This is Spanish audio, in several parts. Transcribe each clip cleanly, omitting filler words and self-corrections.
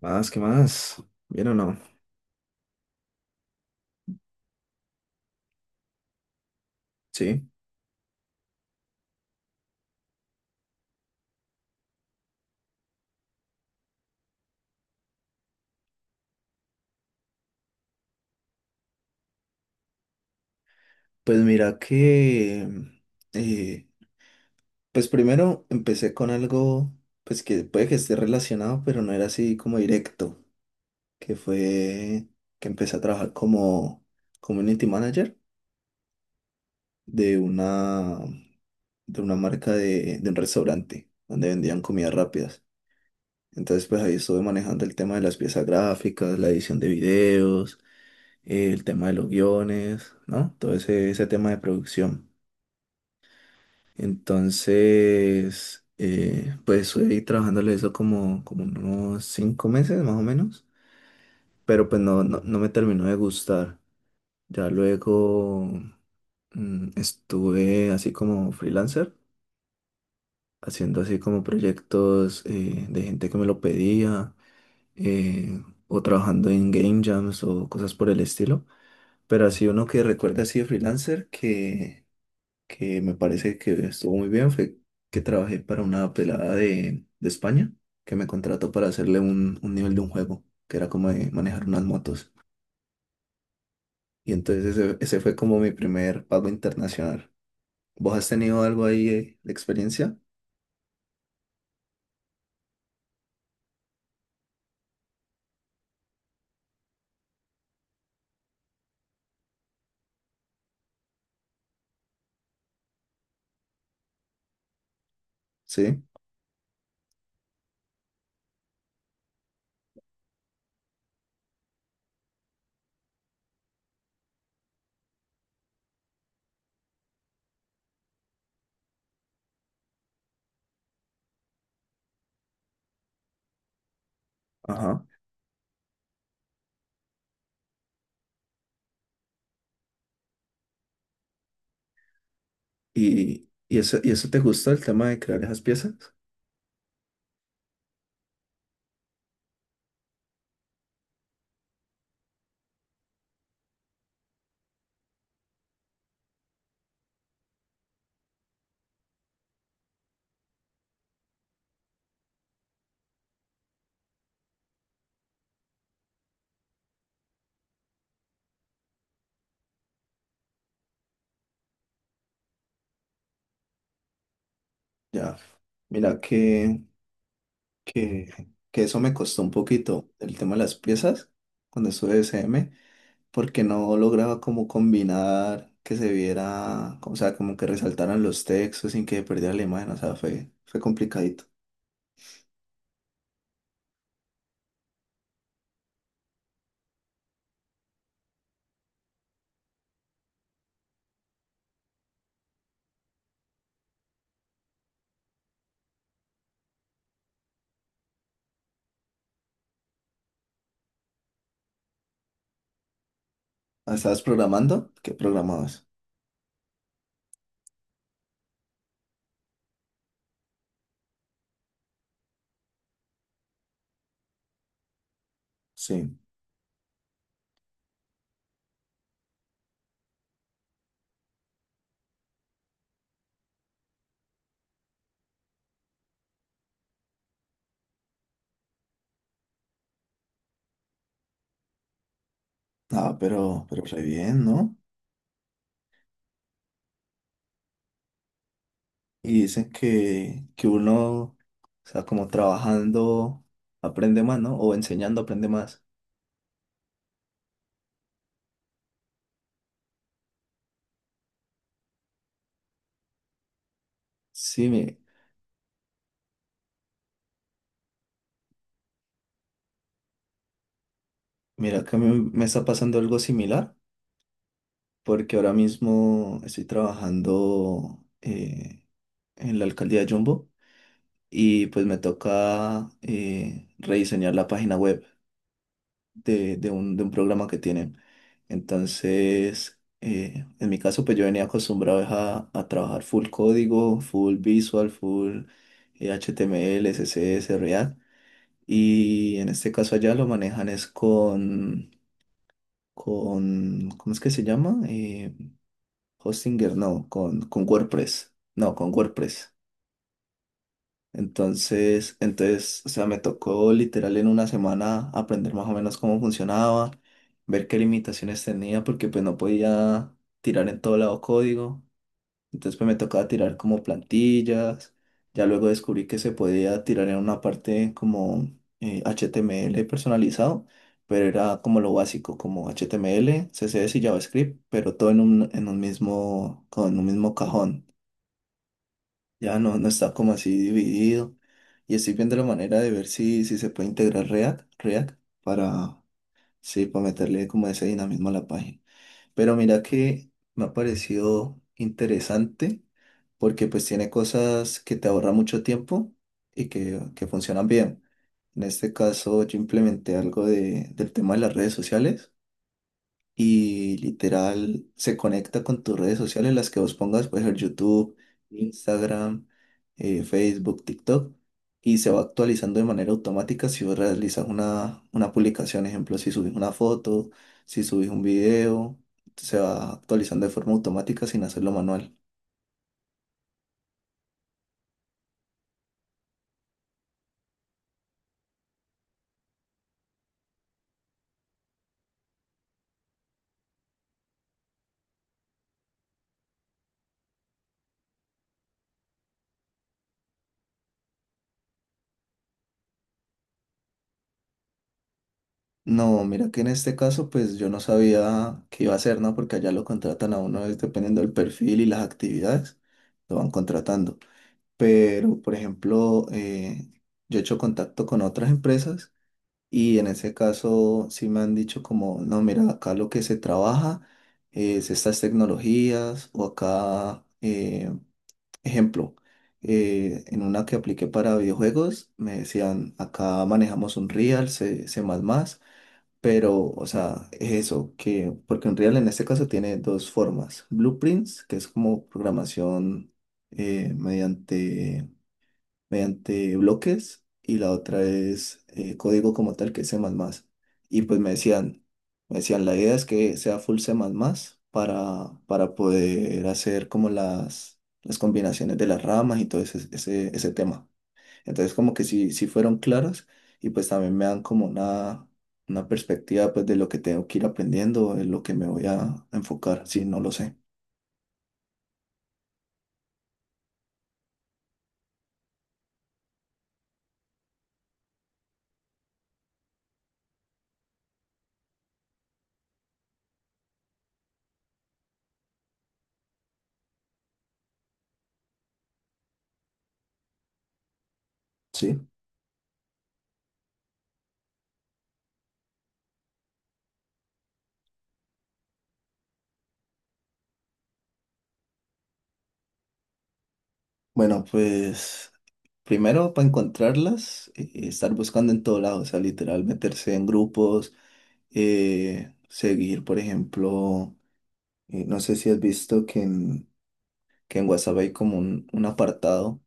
Más, ¿qué más? ¿Bien o no? Sí. Pues mira que, eh, pues primero empecé con algo, pues que puede que esté relacionado, pero no era así como directo, que fue que empecé a trabajar como community manager de una, de una marca de un restaurante donde vendían comidas rápidas. Entonces, pues ahí estuve manejando el tema de las piezas gráficas, la edición de videos, el tema de los guiones, ¿no? Todo ese, ese tema de producción. Entonces, pues estoy trabajándole eso como, como unos cinco meses más o menos, pero pues no, no, no me terminó de gustar. Ya luego estuve así como freelancer, haciendo así como proyectos de gente que me lo pedía, eh, o trabajando en game jams o cosas por el estilo. Pero así uno que recuerda así de freelancer que me parece que estuvo muy bien fue que trabajé para una pelada de España que me contrató para hacerle un nivel de un juego, que era como de manejar unas motos. Y entonces ese fue como mi primer pago internacional. ¿Vos has tenido algo ahí de experiencia? Sí. Ajá. Y eso te gusta el tema de crear esas piezas? Ya. Mira que, que eso me costó un poquito el tema de las piezas cuando estuve de SM. Porque no lograba como combinar que se viera, o sea, como que resaltaran los textos sin que perdiera la imagen, o sea, fue, fue complicadito. Ah, ¿estabas programando? ¿Qué programabas? Sí. Ah, pero re bien, ¿no? Y dicen que uno, o sea, como trabajando, aprende más, ¿no? O enseñando, aprende más. Sí, mira que a mí me está pasando algo similar, porque ahora mismo estoy trabajando en la alcaldía de Jumbo y pues me toca rediseñar la página web de un programa que tienen. Entonces, en mi caso, pues yo venía acostumbrado a trabajar full código, full visual, full HTML, CSS, React. Y en este caso allá lo manejan es con ¿cómo es que se llama? Hostinger, no, con WordPress. No, con WordPress. Entonces, entonces, o sea, me tocó literal en una semana aprender más o menos cómo funcionaba, ver qué limitaciones tenía, porque pues no podía tirar en todo lado código. Entonces, pues me tocaba tirar como plantillas. Ya luego descubrí que se podía tirar en una parte como HTML personalizado, pero era como lo básico, como HTML, CSS y JavaScript, pero todo en un mismo, con un mismo cajón. Ya no, no está como así dividido. Y estoy viendo la manera de ver si, si se puede integrar React, React para, sí, para meterle como ese dinamismo a la página. Pero mira que me ha parecido interesante porque pues tiene cosas que te ahorran mucho tiempo y que funcionan bien. En este caso yo implementé algo de, del tema de las redes sociales y literal se conecta con tus redes sociales, las que vos pongas, puede ser YouTube, Instagram, Facebook, TikTok, y se va actualizando de manera automática si vos realizas una publicación, ejemplo, si subís una foto, si subís un video, se va actualizando de forma automática sin hacerlo manual. No, mira que en este caso pues yo no sabía qué iba a hacer, ¿no? Porque allá lo contratan a uno es dependiendo del perfil y las actividades, lo van contratando. Pero por ejemplo, yo he hecho contacto con otras empresas y en ese caso sí me han dicho como, no, mira, acá lo que se trabaja es estas tecnologías o acá, ejemplo, en una que apliqué para videojuegos, me decían, acá manejamos un Real, C++, pero, o sea, es eso, que, porque Unreal en este caso tiene dos formas, blueprints, que es como programación eh, mediante mediante bloques y la otra es código como tal que es C++. Y pues me decían, la idea es que sea full C++ para poder hacer como las combinaciones de las ramas y todo ese, ese, ese tema. Entonces como que sí, sí fueron claras y pues también me dan como una perspectiva pues de lo que tengo que ir aprendiendo, en lo que me voy a enfocar, si no lo sé. Sí. Bueno, pues... Primero, para encontrarlas, estar buscando en todo lado, o sea, literal, meterse en grupos, seguir, por ejemplo, no sé si has visto que en WhatsApp hay como un apartado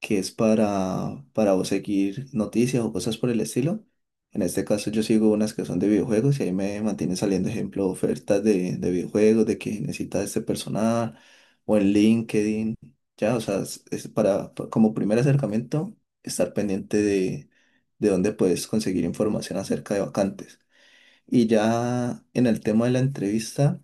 que es para vos seguir noticias o cosas por el estilo. En este caso yo sigo unas que son de videojuegos y ahí me mantiene saliendo, ejemplo, ofertas de videojuegos, de que necesitas este personal o en LinkedIn. Ya, o sea, es para, como primer acercamiento, estar pendiente de dónde puedes conseguir información acerca de vacantes. Y ya en el tema de la entrevista...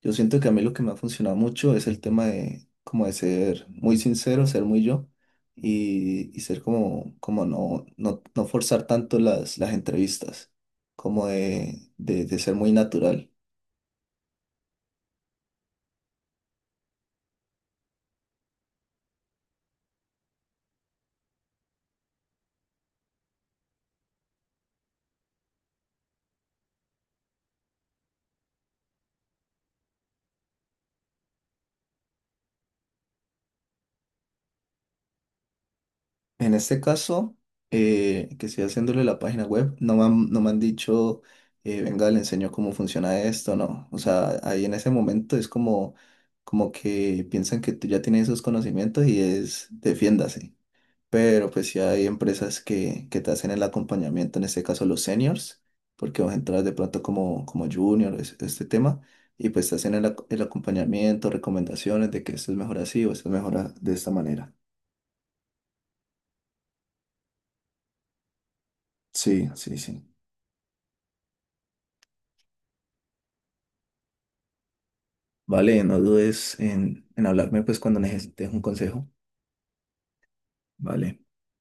Yo siento que a mí lo que me ha funcionado mucho es el tema de como de ser muy sincero, ser muy yo y ser como, como no, no, no forzar tanto las entrevistas, como de ser muy natural. En este caso, que estoy haciéndole la página web, no me han, no me han dicho, venga, le enseño cómo funciona esto, no. O sea, ahí en ese momento es como, como que piensan que tú ya tienes esos conocimientos y es, defiéndase. Pero pues sí hay empresas que te hacen el acompañamiento, en este caso los seniors, porque vas a entrar de pronto como, como junior, este tema, y pues te hacen el, el acompañamiento, recomendaciones de que esto es mejor así o esto es mejor de esta manera. Sí, sí, sí. Vale, no dudes en hablarme pues cuando necesites un consejo. Vale.